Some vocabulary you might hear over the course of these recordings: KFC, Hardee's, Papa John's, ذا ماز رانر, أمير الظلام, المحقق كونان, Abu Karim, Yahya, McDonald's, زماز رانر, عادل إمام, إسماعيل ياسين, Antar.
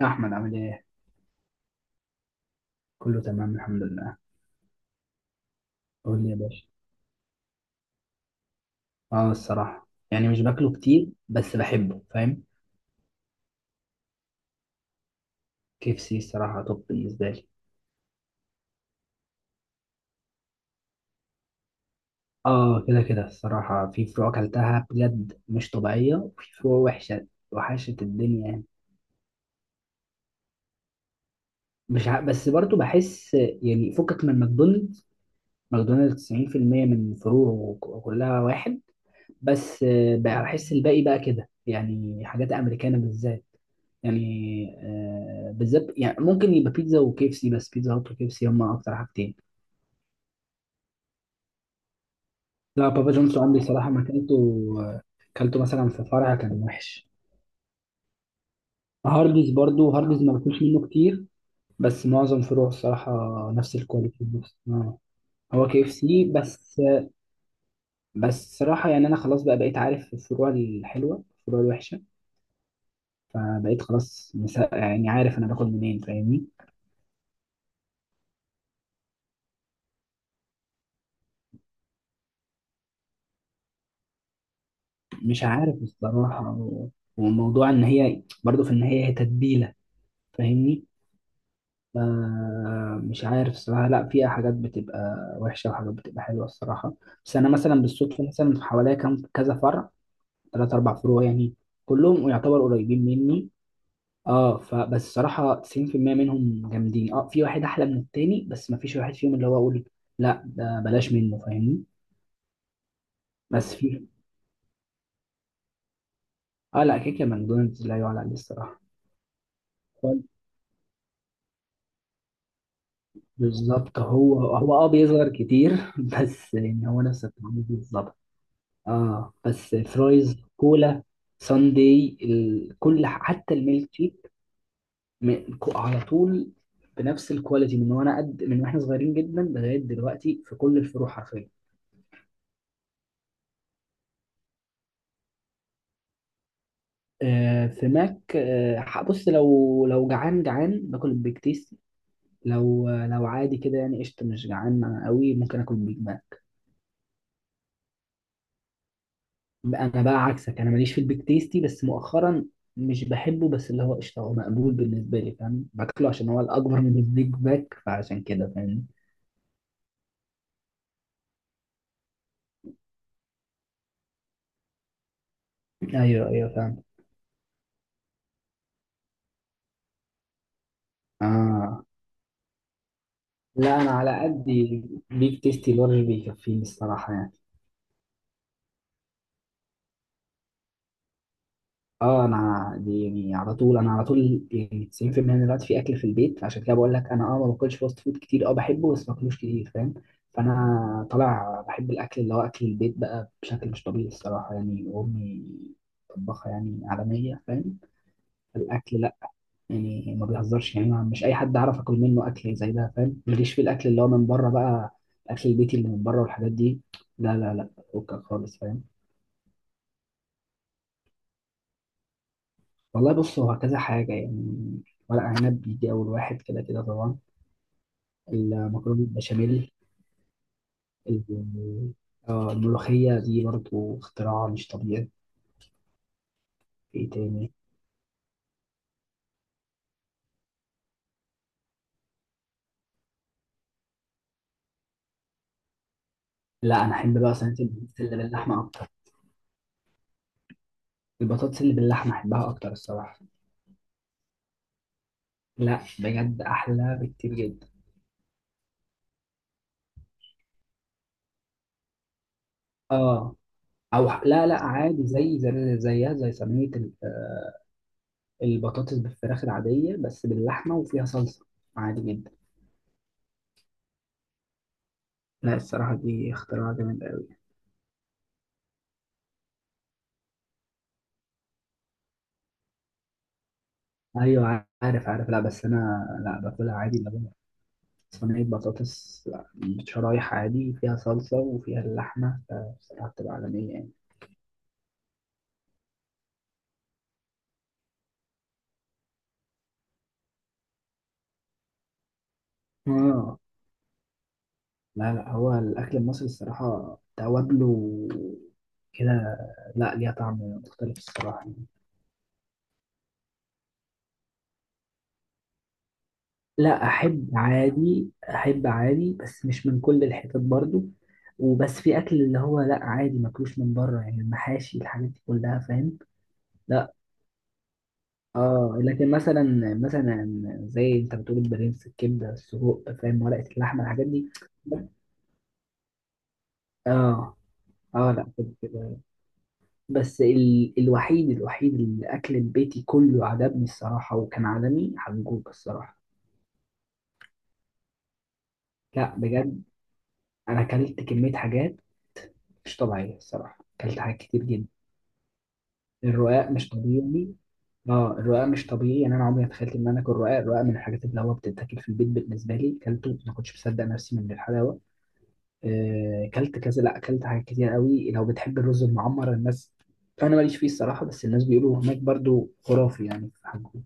يا احمد عامل ايه؟ كله تمام الحمد لله. قول لي يا باشا. اه، الصراحه يعني مش باكله كتير، بس بحبه فاهم. كي اف سي الصراحه توب بالنسبه لي. اه كده كده الصراحه، في فروع اكلتها بجد مش طبيعيه، وفي فروع وحشه وحشه الدنيا يعني. مش ع... بس برضو بحس يعني، فكك من ماكدونالدز 90% من فروعه كلها واحد. بس بقى بحس الباقي بقى كده، يعني حاجات امريكانه بالذات يعني. بالذات يعني ممكن يبقى بيتزا وكيف سي، بس بيتزا هات وكيف سي هما اكتر حاجتين. لا بابا جونز عمري صراحه ما كلته. آه، كلته مثلا في فرع كان وحش. هارديز برضو، هارديز ما باكلش منه كتير، بس معظم فروع الصراحه نفس الكواليتي. بس هو كيف سي بس. بس صراحه يعني انا خلاص بقى بقيت عارف الفروع الحلوه الفروع الوحشه، فبقيت خلاص يعني عارف انا باكل منين فاهمني. مش عارف الصراحة وموضوع إن هي برضه في النهاية هي تتبيلة، فاهمني؟ مش عارف الصراحة، لا فيها حاجات بتبقى وحشة وحاجات بتبقى حلوة الصراحة. بس أنا مثلا بالصدفة، مثلا في حواليا كام كذا فرع، تلات أربع فروع يعني، كلهم يعتبر قريبين مني. اه فبس الصراحة 90% منهم جامدين، اه في واحد أحلى من التاني، بس مفيش واحد فيهم اللي هو أقول لا ده بلاش منه، فاهمني؟ بس في، اه لا كيكة ماكدونالدز لا يعلى عليه الصراحة. بالظبط، هو هو اه بيظهر كتير بس يعني هو نفس التعامل بالظبط. اه بس فرايز كولا ساندي كل حتى الميلك شيك، على طول بنفس الكواليتي، من وانا قد، من واحنا صغيرين جدا لغايه دلوقتي في كل الفروع حرفيا. آه في ماك، آه بص لو جعان جعان باكل البيك تيستي، لو عادي كده يعني قشطه مش جعان قوي ممكن اكل بيج. انا بقى عكسك، انا ماليش في البيك تيستي بس مؤخرا، مش بحبه، بس اللي هو قشطه هو مقبول بالنسبه لي فاهم، باكله عشان هو الاكبر من البيج باك فعشان كده فاهم. ايوه فاهم. اه لا انا على قد، بيك تيستي لارج بيكفيني الصراحه يعني. اه انا دي يعني على طول، انا على طول يعني 90% من الوقت في اكل في البيت، عشان كده بقول لك انا اه ما باكلش فاست فود كتير، اه بحبه بس ما باكلوش كتير فاهم. فانا طالع بحب الاكل اللي هو اكل البيت بقى بشكل مش طبيعي الصراحه يعني، امي طباخه يعني عالميه فاهم، الاكل لا يعني ما بيهزرش يعني، مش اي حد عارف اكل منه اكل زي ده فاهم، ماليش في الاكل اللي هو من بره بقى، الاكل البيتي اللي من بره والحاجات دي لا لا لا، فكك خالص فاهم. والله بص هو كذا حاجة يعني، ورق عنب بيجي أول واحد كده كده طبعا، المكرونة البشاميل ال- الملوخية دي برضو اختراع مش طبيعي. في إيه تاني؟ لا أنا أحب بقى صينية البطاطس اللي باللحمة أكتر، البطاطس اللي باللحمة أحبها أكتر الصراحة. لا بجد أحلى بكتير جدا. آه، أو لا لا عادي زي زي زيها، زي صينية البطاطس بالفراخ العادية، بس باللحمة وفيها صلصة، عادي جدا. لا الصراحة دي اختراع جامد أوي. ايوه عارف لا بس انا، لا باكلها عادي اللي هو صينيه بطاطس شرايح عادي فيها صلصه وفيها اللحمه، فبصراحه بتبقى عالميه يعني. اه لا لا، هو الاكل المصري الصراحه توابله كده، لا ليها طعم مختلف الصراحه يعني. لا احب عادي، احب عادي بس مش من كل الحتت برضو، وبس في اكل اللي هو لا عادي ماكلوش من بره، يعني المحاشي الحاجات دي كلها فاهم. اه لكن مثلا، مثلا زي انت بتقول البرنس، الكبده السجق فاهم، ورقه اللحمه الحاجات دي. اه اه لا كده كده، بس الوحيد اللي اكل البيتي كله عجبني الصراحه وكان عالمي حجوج الصراحه. لا بجد انا اكلت كميه حاجات مش طبيعيه الصراحه، اكلت حاجات كتير جدا. الرقاق مش طبيعي. اه الرقاق مش طبيعي يعني، انا عمري ما تخيلت ان انا اكل رقاق، الرقاق من الحاجات اللي هو بتتاكل في البيت بالنسبه لي، اكلته ما كنتش مصدق نفسي من الحلاوه. اكلت كذا، لا اكلت حاجات كتير قوي. لو بتحب الرز المعمر، الناس انا ماليش فيه الصراحه، بس الناس بيقولوا هناك برضو خرافي يعني في حجوجه.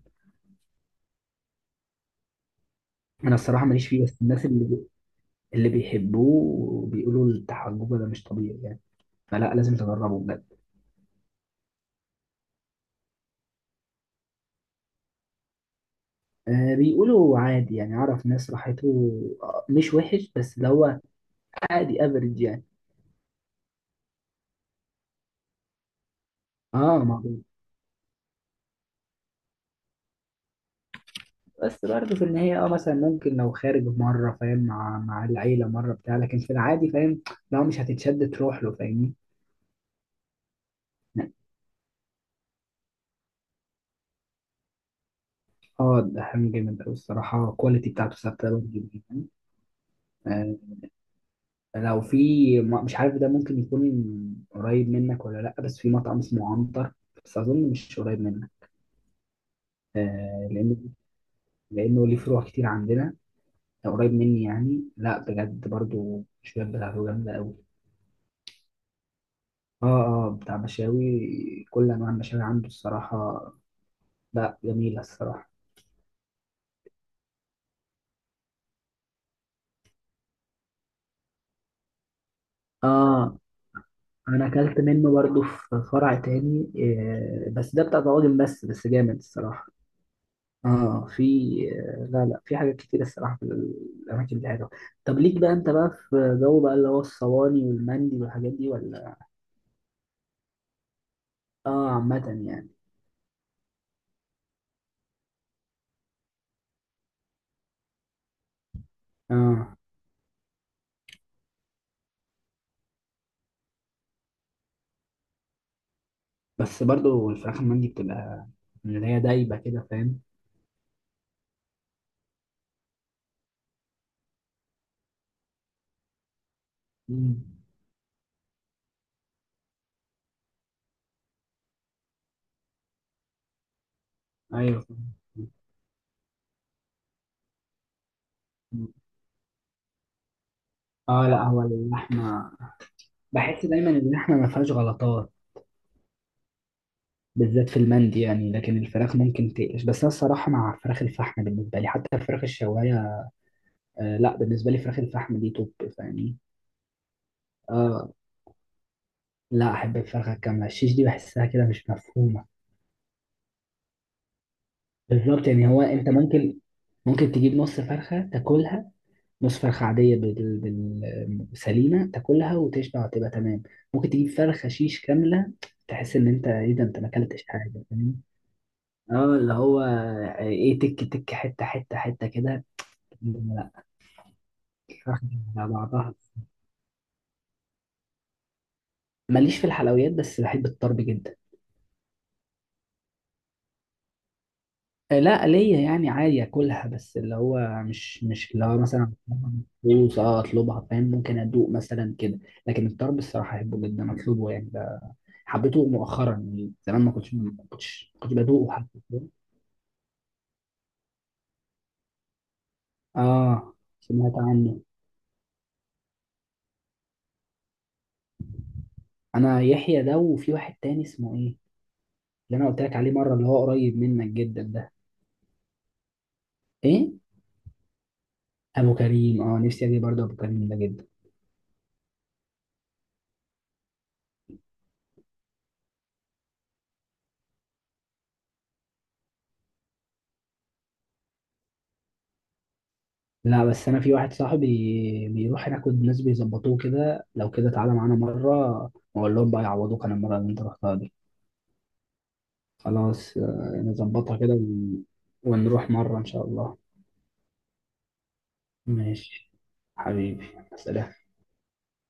انا الصراحه ماليش فيه، بس الناس اللي اللي بيحبوه بيقولوا بتاع حجوجه ده مش طبيعي يعني، فلا لازم تجربه بجد. آه بيقولوا عادي يعني، اعرف ناس راحته، مش وحش، بس اللي هو عادي افريج يعني. اه معقول. بس برضه في النهاية اه مثلا ممكن لو خارج مرة فاهم، مع العيلة مرة بتاع، لكن في العادي فاهم لو مش هتتشد تروح له فاهمني. اه ده حامي جامد أوي الصراحة، الكواليتي بتاعته ثابتة برضه جدا. آه، لو في، مش عارف ده ممكن يكون قريب منك ولا لأ، بس في مطعم اسمه عنتر، بس أظن مش قريب منك. لأنه ليه فروع كتير عندنا، لو قريب مني يعني، لأ بجد برضه الشباب بتاعته جامدة أوي. اه اه بتاع مشاوي، كل أنواع المشاوي عنده الصراحة، لأ جميلة الصراحة. اه انا اكلت منه برضو في فرع تاني، بس ده بتاع طواجن بس، بس جامد الصراحه. اه في، لا لا في حاجات كتير الصراحه، في الاماكن دي حلوه. طب ليك بقى انت بقى في جو بقى اللي هو الصواني والمندي والحاجات دي ولا؟ اه عامه يعني. اه بس برضو الفراخ المندي بتبقى من اللي هي دايبه كده فاهم. مم. ايوه. مم. اه لا هو اللحمه، بحس دايما ان اللحمه ما فيهاش غلطات بالذات في المندي يعني، لكن الفراخ ممكن تقلش، بس انا الصراحه مع فراخ الفحم بالنسبه لي، حتى الفراخ الشوايه، آه لا بالنسبه لي فراخ الفحم دي توب. فاهمني، اه لا احب الفرخه الكامله، الشيش دي بحسها كده مش مفهومه. بالظبط يعني، هو انت ممكن، ممكن تجيب نص فرخه تاكلها، نص فرخه عاديه سليمه تاكلها وتشبع وتبقى تمام، ممكن تجيب فرخه شيش كامله تحس ان انت ايه ده، انت ما اكلتش حاجه فاهم. اه اللي هو ايه، تك تك حته حته كده. لا الفرخه على بعضها. ماليش في الحلويات بس بحب الطرب جدا. لا ليا يعني عادي اكلها، بس اللي هو مش اللي هو مثلا فلوس، اه اطلبها فاهم، ممكن ادوق مثلا كده، لكن الطرب الصراحه احبه جدا اطلبه يعني، ده حبيته مؤخرا يعني، زمان ما كنتش بدوقه حتى فاهم؟ اه سمعت عنه. انا يحيى ده، وفي واحد تاني اسمه ايه، اللي انا قلت لك عليه مره اللي هو قريب منك جدا ده، ايه، ابو كريم. اه نفسي اجي برضه ابو كريم ده جدا. لا بس انا في واحد صاحبي بيروح هناك والناس بيظبطوه كده، لو كده تعالى معانا مره واقول لهم بقى يعوضوك عن المره اللي انت رحتها دي. خلاص نظبطها كده ونروح مره ان شاء الله. ماشي حبيبي، سلام.